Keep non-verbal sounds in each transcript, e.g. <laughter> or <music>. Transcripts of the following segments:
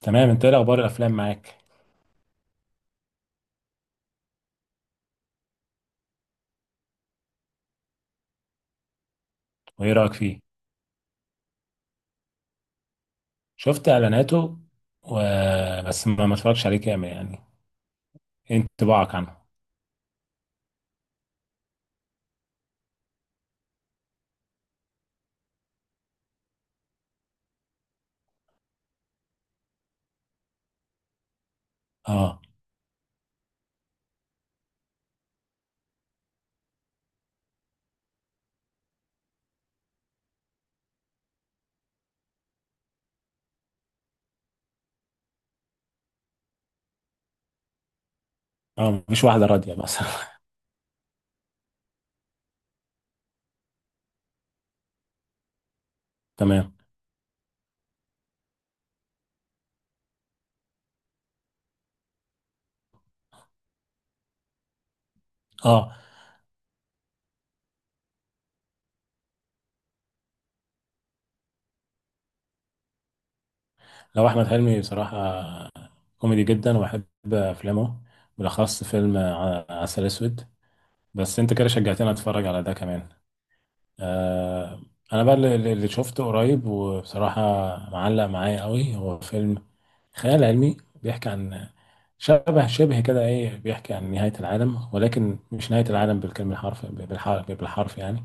تمام، انت ايه اخبار الافلام معاك؟ وايه رايك فيه؟ شفت اعلاناته. و... بس ما اتفرجش عليه كامل، يعني. ايه انطباعك عنه؟ اه، اه، مفيش واحده راضيه، بس. <laughs> تمام. اه، لو احمد حلمي بصراحه كوميدي جدا، وبحب افلامه، بالاخص فيلم عسل اسود. بس انت كده شجعتني اتفرج على ده كمان. آه انا بقى اللي شفته قريب، وبصراحة معلق معايا قوي، هو فيلم خيال علمي. بيحكي عن شبه شبه كده ايه، بيحكي عن نهاية العالم، ولكن مش نهاية العالم بالكلمة، الحرف بالحرف بالحرف، يعني.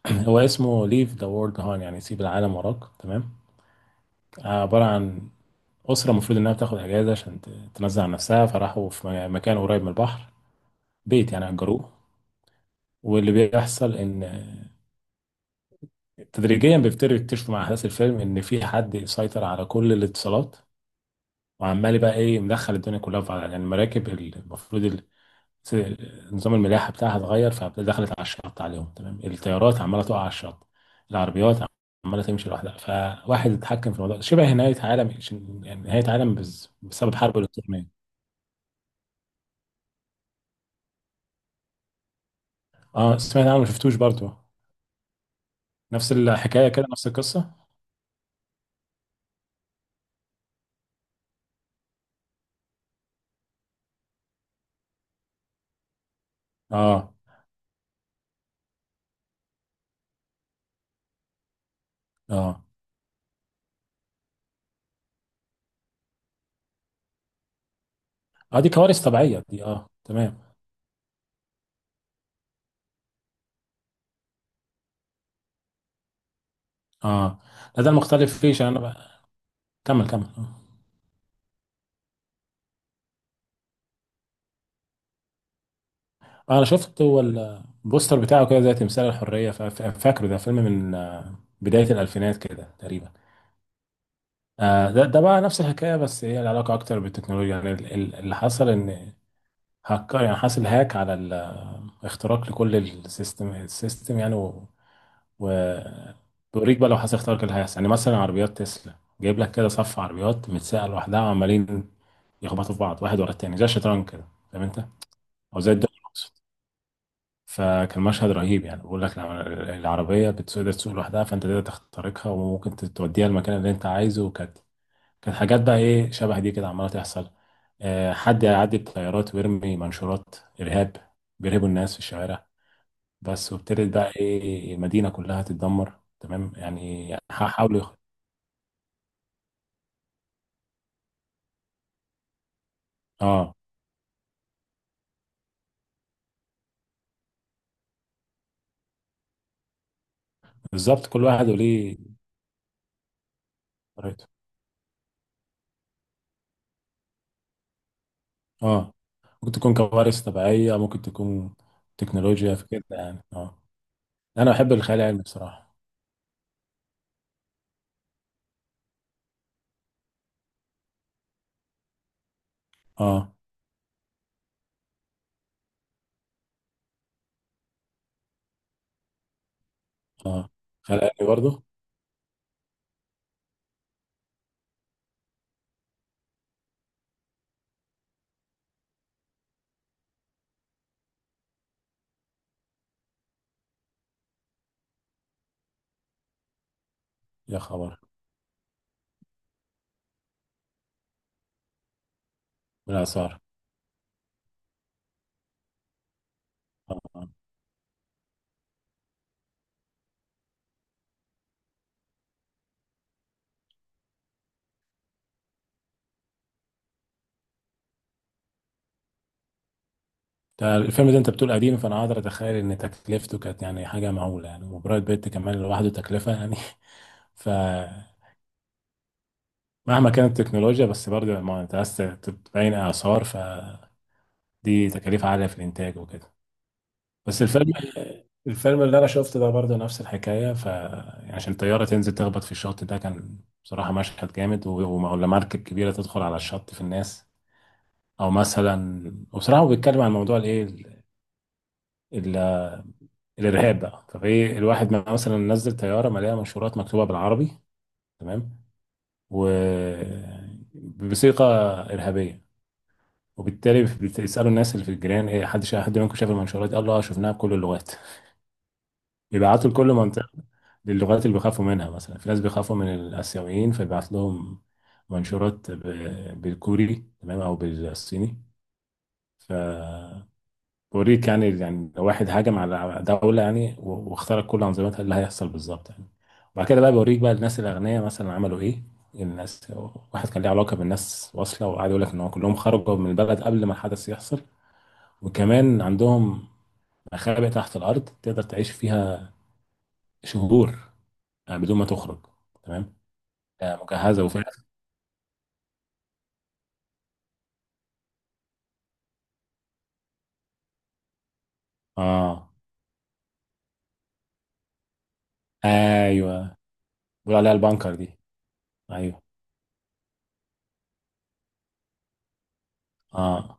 <clears throat> هو اسمه ليف ذا وورلد هون، يعني سيب العالم وراك، تمام. عبارة عن أسرة المفروض إنها بتاخد أجازة عشان تنزه عن نفسها، فراحوا في مكان قريب من البحر. بيت يعني أجروه. واللي بيحصل إن تدريجيا بيبتدوا يكتشفوا مع احداث الفيلم ان في حد سيطر على كل الاتصالات، وعمال بقى ايه مدخل الدنيا كلها في بعضها. يعني المراكب المفروض نظام الملاحه بتاعها اتغير، فدخلت على الشط عليهم، تمام. الطيارات عماله تقع على الشط، العربيات عماله تمشي لوحدها، فواحد اتحكم في الموضوع. شبه نهايه عالم، يعني نهايه عالم بسبب حرب الالكترونيه. اه، سمعت عنه ما شفتوش برضه. نفس الحكايه كده، نفس القصه. اه، اه، اه، دي كوارث طبيعيه دي، اه، تمام. اه، لا، ده المختلف فيه، عشان انا بقى، كمل كمل، آه. انا شفت هو البوستر بتاعه كده زي تمثال الحريه، فاكره ده فيلم من بدايه الالفينات كده تقريبا. ده بقى نفس الحكايه، بس هي العلاقه اكتر بالتكنولوجيا، يعني اللي حصل ان هكر، يعني حصل هاك على اختراق لكل السيستم، يعني و- بيوريك بقى لو حصل اختراق إيه اللي هيحصل. يعني مثلا عربيات تسلا جايب لك كده صف عربيات متساقه لوحدها، وعمالين يخبطوا في بعض، واحد ورا التاني، زي الشطرنج كده، فاهم انت؟ او زي الدنيا. فكان مشهد رهيب، يعني بقول لك العربية بتقدر تسوق لوحدها، فانت تقدر تخترقها وممكن توديها المكان اللي انت عايزه. وكانت كانت حاجات بقى ايه شبه دي كده عمالة تحصل. حد يعدي بطيارات ويرمي منشورات إرهاب، بيرهبوا الناس في الشوارع، بس. وابتدت بقى ايه المدينة كلها تتدمر، تمام، يعني حاولوا اه، بالظبط، كل واحد وليه طريقته. اه، ممكن تكون كوارث طبيعية ممكن تكون تكنولوجيا في كده، يعني، اه. انا بحب الخيال العلمي، بصراحة. اه، اه، خلقني برضه. يا خبر، بالاسعار. اه، ده الفيلم ده انت بتقول قديم، فانا قادر اتخيل ان تكلفته كانت يعني حاجه معقوله، يعني وبرايت بيت كمان لوحده تكلفه، يعني. <laughs> فمهما كانت التكنولوجيا، بس برضه ما انت عايز تبين اثار، فدي تكاليف عاليه في الانتاج وكده. بس الفيلم اللي انا شفته ده برضه نفس الحكايه. ف يعني عشان الطياره تنزل تخبط في الشط، ده كان بصراحه مشهد جامد، ولا مركب كبيره تدخل على الشط في الناس، او مثلا. وبصراحه هو بيتكلم عن موضوع الايه، ال- الارهاب بقى، فايه الواحد مثلا نزل طياره مليانه منشورات مكتوبه بالعربي، تمام، و بصيغه ارهابيه. وبالتالي بيسالوا الناس اللي في الجيران، ايه حد حد منكم شاف المنشورات دي؟ قال له اه، شفناها بكل اللغات، بيبعتوا لكل منطقه. للغات اللي بيخافوا منها، مثلا في ناس بيخافوا من الاسيويين، فبيبعت لهم منشورات بالكوري، تمام، او بالصيني. ف بوريك، يعني لو واحد هاجم على دولة، يعني واخترق كل أنظمتها، إيه اللي هيحصل بالظبط يعني؟ وبعد كده بقى، بوريك بقى الناس الأغنياء مثلا عملوا إيه. الناس، واحد كان ليه علاقة بالناس واصلة، وقعد يقول لك إن هو كلهم خرجوا من البلد قبل ما الحدث يحصل. وكمان عندهم مخابئ تحت الأرض تقدر تعيش فيها شهور، يعني بدون ما تخرج، تمام. مجهزة وفيها. آه. أيوه، بيقولوا عليها البانكر دي. أيوه. آه.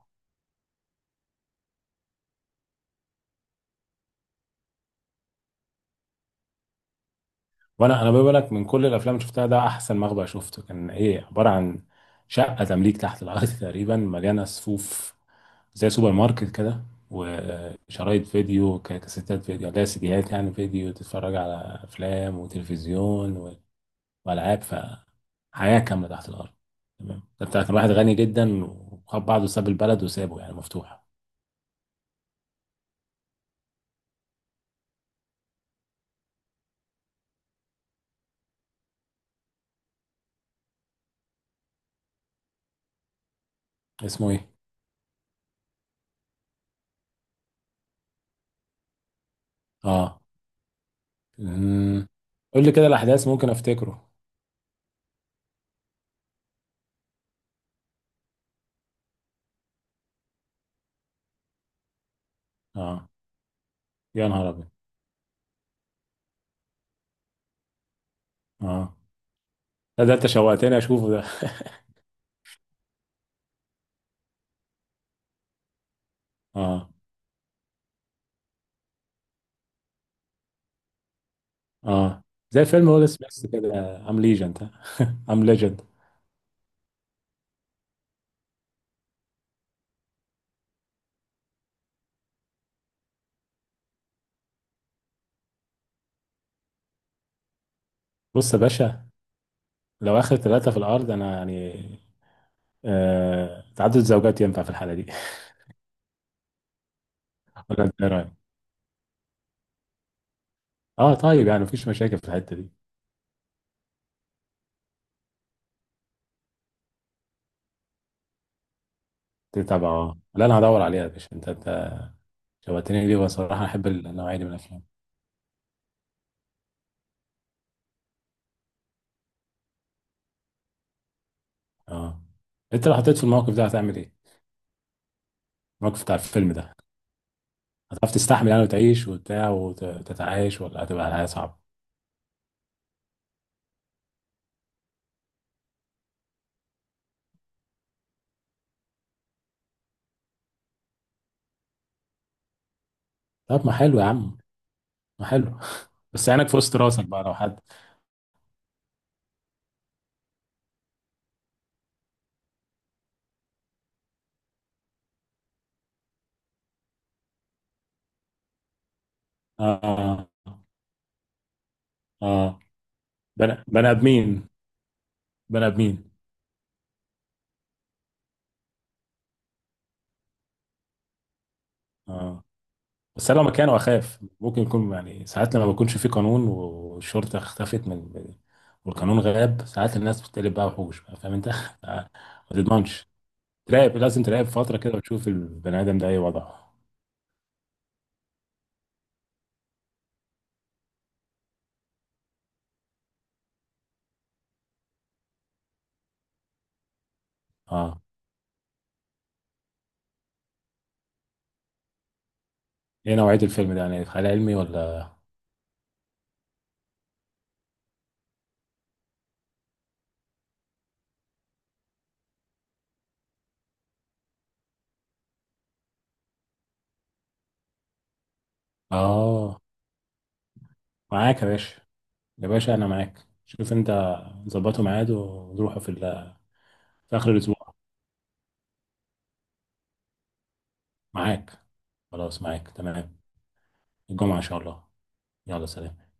وانا بقول لك، من كل الافلام اللي شفتها، ده احسن مخبأ شفته، كان ايه عباره عن شقه تمليك تحت الارض <laughs> تقريبا، مليانه صفوف زي سوبر ماركت كده، وشرايط فيديو، كاسيتات فيديو، لا سيديات يعني فيديو، تتفرج على افلام وتلفزيون والعاب، فحياه كامله تحت الارض، تمام. ده بتاع كان واحد غني جدا، وخد بعضه ساب البلد وسابه يعني مفتوح. اسمه ايه؟ اه. أمم. قول لي كده الاحداث ممكن افتكره. اه. يا نهار ابيض. اه، لا، ده انت شوقتني اشوفه ده. <laughs> اه، اه. زي فيلم ويل سميث كده، ام ليجند. ام ليجند. <laughs> بص يا باشا، لو اخر ثلاثة في الارض، انا يعني، تعدد الزوجات ينفع في الحالة دي. <laughs> ولا انت ايه رايك؟ اه، طيب، يعني مفيش مشاكل في الحتة دي. تتابع. اه، لا، انا هدور عليها يا باشا. انت شوقتني ليه، بصراحة احب النوعية دي من الافلام. اه، انت لو حطيت في الموقف ده هتعمل ايه؟ الموقف بتاع الفيلم ده. هتعرف تستحمل يعني وتعيش وبتاع وتتعايش، ولا هتبقى الحياة صعبة؟ طب، ما حلو يا عم. آه، حلو. <laughs> بس عينك في وسط راسك بقى لو حد. اه، اه، بني ادمين. بني ادمين. اه. بس انا لو مكانه اخاف، ممكن يكون يعني ساعات لما بيكونش في قانون والشرطه اختفت من، والقانون غاب، ساعات الناس بتقلب بقى وحوش، بقى فاهم انت؟ <laughs> ما تضمنش. تراقب، لازم تراقب فتره كده وتشوف البني ادم ده ايه وضعه. اه. ايه نوعيه الفيلم ده، يعني خيال علمي ولا؟ اه، معاك يا باشا. يا باشا انا معاك، شوف انت. ظبطوا ميعاد ونروحوا في، في اخر الاسبوع. معاك. خلاص معاك، تمام. الجمعة إن شاء الله. يلا سلام.